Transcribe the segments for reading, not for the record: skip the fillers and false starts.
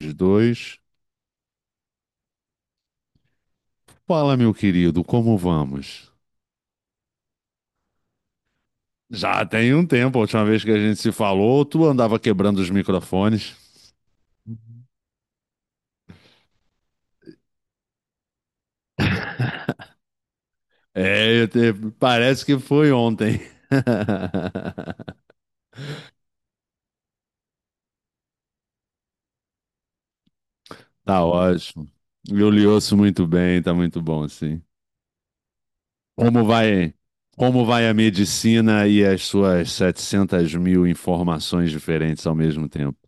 Os dois. Fala, meu querido, como vamos? Já tem um tempo, a última vez que a gente se falou, tu andava quebrando os microfones. É, eu te- Parece que foi ontem. Tá ótimo. Eu lhe ouço muito bem, tá muito bom, sim. Como vai, como vai a medicina e as suas 700 mil informações diferentes ao mesmo tempo?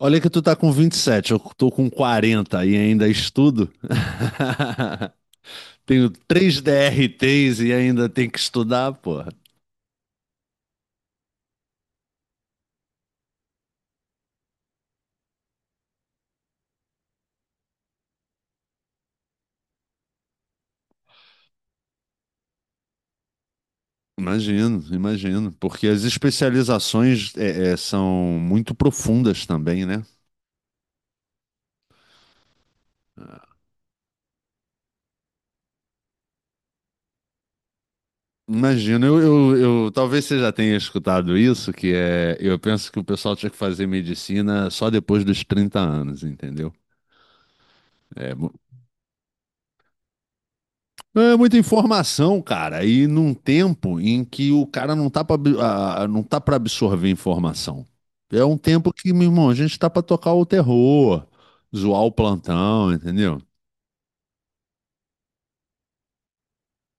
Olha que tu tá com 27, eu tô com 40 e ainda estudo. Tenho três DRTs e ainda tem que estudar, porra. Imagino, imagino. Porque as especializações são muito profundas também, né? Imagino, talvez você já tenha escutado isso, que é, eu penso que o pessoal tinha que fazer medicina só depois dos 30 anos, entendeu? É, é muita informação, cara, e num tempo em que o cara não tá pra, não tá para absorver informação. É um tempo que, meu irmão, a gente tá pra tocar o terror, zoar o plantão, entendeu?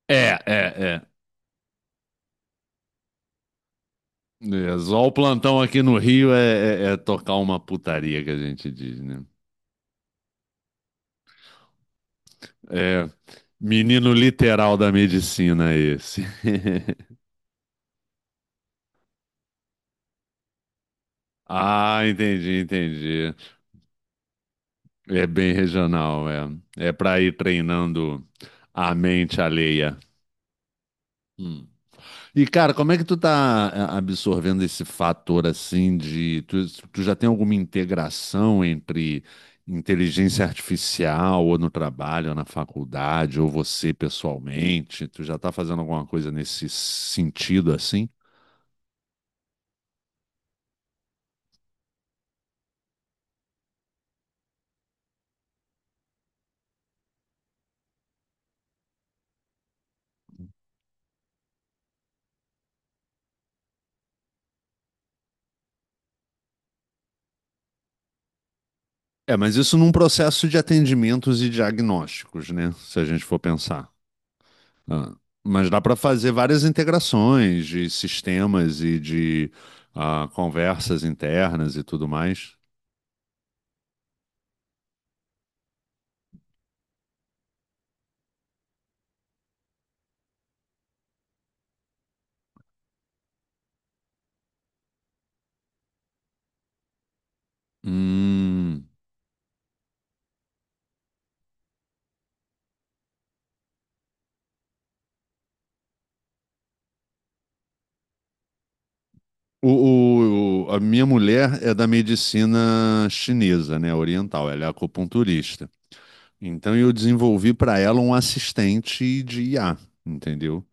É, é, é. É, zoar o plantão aqui no Rio é tocar uma putaria que a gente diz, né? É, menino literal da medicina esse. Ah, entendi, entendi. É bem regional, é. É para ir treinando a mente alheia. Hum. E, cara, como é que tu tá absorvendo esse fator assim de. Tu já tem alguma integração entre inteligência artificial, ou no trabalho, ou na faculdade, ou você pessoalmente? Tu já tá fazendo alguma coisa nesse sentido assim? É, mas isso num processo de atendimentos e diagnósticos, né? Se a gente for pensar. Ah, mas dá para fazer várias integrações de sistemas e de conversas internas e tudo mais. Hum. A minha mulher é da medicina chinesa, né, oriental, ela é acupunturista. Então eu desenvolvi para ela um assistente de IA, entendeu?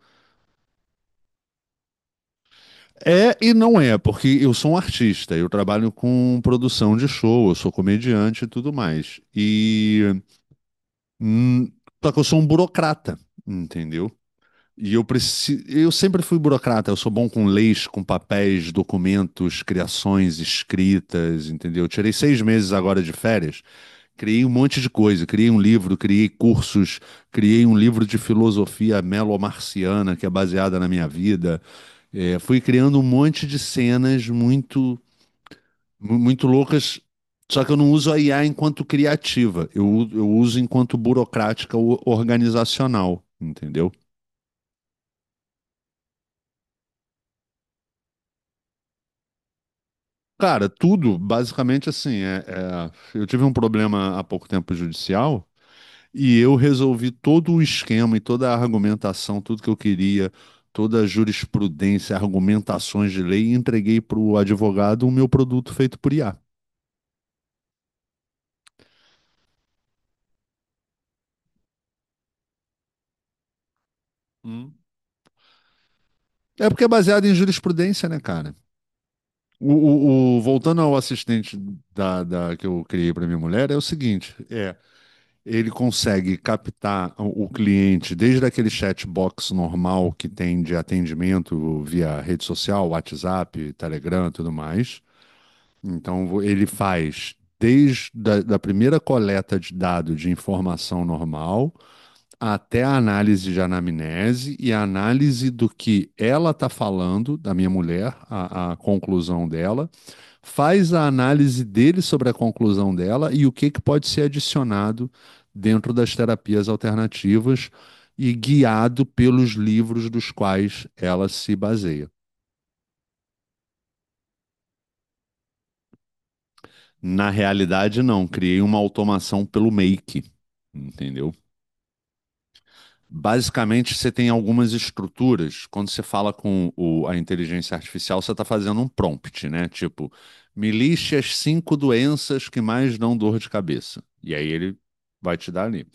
É e não é, porque eu sou um artista, eu trabalho com produção de show, eu sou comediante e tudo mais. E hum, só que eu sou um burocrata, entendeu? E eu preciso, eu sempre fui burocrata, eu sou bom com leis, com papéis, documentos, criações, escritas, entendeu? Eu tirei 6 meses agora de férias, criei um monte de coisa, criei um livro, criei cursos, criei um livro de filosofia melomarciana que é baseada na minha vida, é, fui criando um monte de cenas muito, muito loucas, só que eu não uso a IA enquanto criativa, eu uso enquanto burocrática organizacional, entendeu? Cara, tudo basicamente assim. Eu tive um problema há pouco tempo judicial e eu resolvi todo o esquema e toda a argumentação, tudo que eu queria, toda a jurisprudência, argumentações de lei, e entreguei para o advogado o meu produto feito por IA. Hum. É porque é baseado em jurisprudência, né, cara? Voltando ao assistente que eu criei para minha mulher, é o seguinte: é, ele consegue captar o cliente desde aquele chatbox normal que tem de atendimento via rede social, WhatsApp, Telegram, e tudo mais. Então ele faz desde da primeira coleta de dado de informação normal até a análise de anamnese e a análise do que ela está falando, da minha mulher, a conclusão dela, faz a análise dele sobre a conclusão dela e o que, que pode ser adicionado dentro das terapias alternativas e guiado pelos livros dos quais ela se baseia. Na realidade, não, criei uma automação pelo Make, entendeu? Basicamente, você tem algumas estruturas. Quando você fala com a inteligência artificial, você está fazendo um prompt, né? Tipo, me liste as cinco doenças que mais dão dor de cabeça. E aí ele vai te dar ali.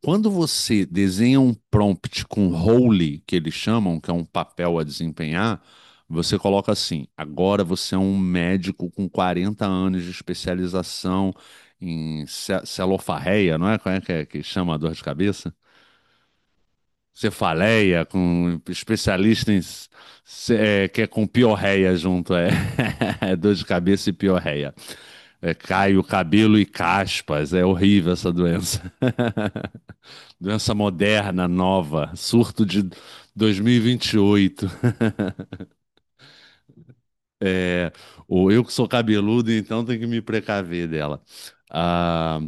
Quando você desenha um prompt com role, que eles chamam, que é um papel a desempenhar, você coloca assim: agora você é um médico com 40 anos de especialização em celofarreia, não é? Como é que chama a dor de cabeça? Cefaleia, com especialista em é, que é com piorreia junto, é. Dor de cabeça e piorreia. É, cai o cabelo e caspas, é horrível essa doença. Doença moderna, nova, surto de 2028. É, o eu que sou cabeludo, então tenho que me precaver dela. Ah,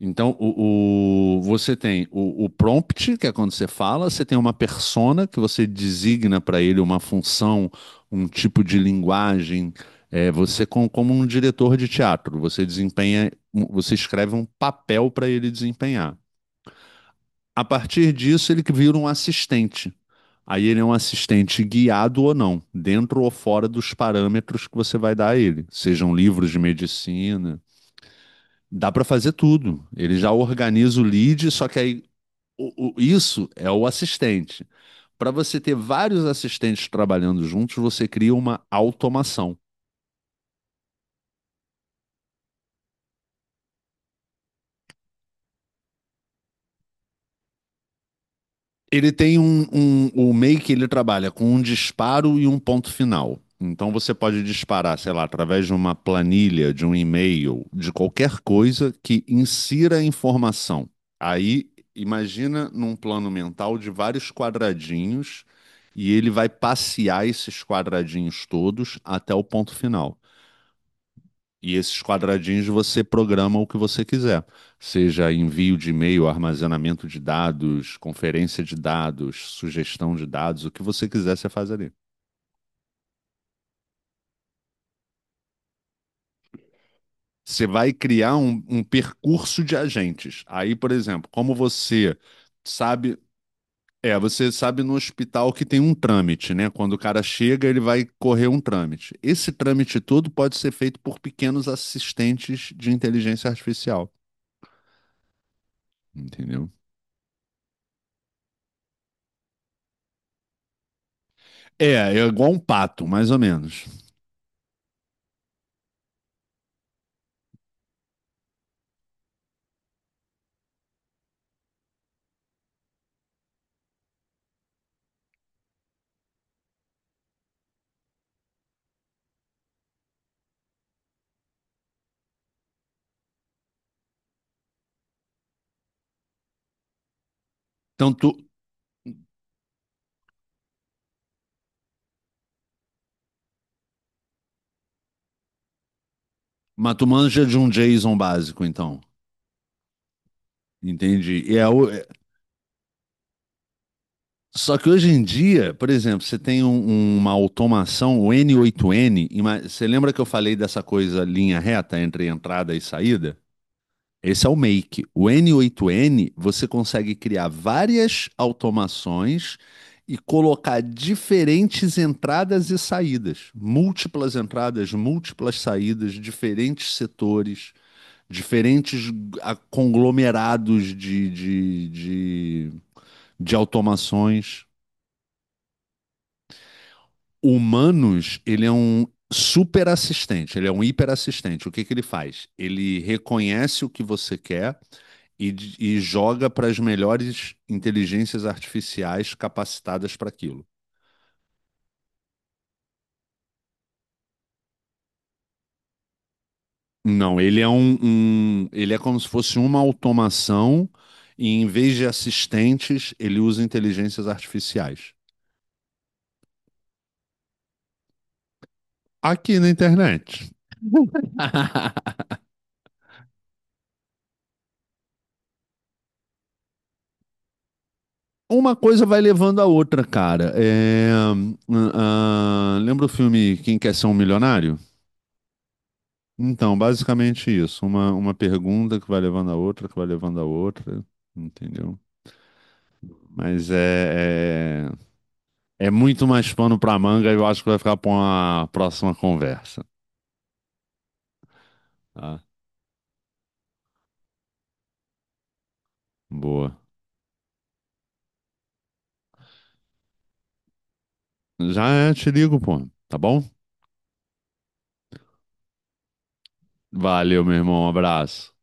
então, você tem o prompt, que é quando você fala, você tem uma persona que você designa para ele uma função, um tipo de linguagem. É, você, como um diretor de teatro, você desempenha, você escreve um papel para ele desempenhar. A partir disso, ele que vira um assistente. Aí ele é um assistente guiado ou não, dentro ou fora dos parâmetros que você vai dar a ele, sejam livros de medicina. Dá para fazer tudo. Ele já organiza o lead, só que aí isso é o assistente. Para você ter vários assistentes trabalhando juntos, você cria uma automação. Ele tem o Make ele trabalha com um disparo e um ponto final. Então você pode disparar, sei lá, através de uma planilha, de um e-mail, de qualquer coisa que insira informação. Aí imagina num plano mental de vários quadradinhos e ele vai passear esses quadradinhos todos até o ponto final. E esses quadradinhos você programa o que você quiser, seja envio de e-mail, armazenamento de dados, conferência de dados, sugestão de dados, o que você quiser, você faz ali. Você vai criar um percurso de agentes. Aí, por exemplo, como você sabe, é, você sabe no hospital que tem um trâmite, né? Quando o cara chega, ele vai correr um trâmite. Esse trâmite todo pode ser feito por pequenos assistentes de inteligência artificial, entendeu? É, é igual um pato, mais ou menos. Então, tu, mas tu manja de um JSON básico, então. Entendi. E é só que hoje em dia, por exemplo, você tem uma automação, o N8N, você lembra que eu falei dessa coisa linha reta entre entrada e saída? Esse é o Make. O N8N, você consegue criar várias automações e colocar diferentes entradas e saídas, múltiplas entradas, múltiplas saídas, diferentes setores. Diferentes conglomerados de automações. O Humanos, ele é um super assistente, ele é um hiper assistente. O que que ele faz? Ele reconhece o que você quer e joga para as melhores inteligências artificiais capacitadas para aquilo. Não, ele é ele é como se fosse uma automação e em vez de assistentes, ele usa inteligências artificiais. Aqui na internet. Uma coisa vai levando a outra, cara. É, lembra o filme Quem Quer Ser um Milionário? Então, basicamente isso. Uma pergunta que vai levando a outra, que vai levando a outra, entendeu? Mas é muito mais pano pra manga e eu acho que vai ficar pra uma próxima conversa, tá? Boa. Já te ligo, pô. Tá bom? Valeu, meu irmão. Um abraço.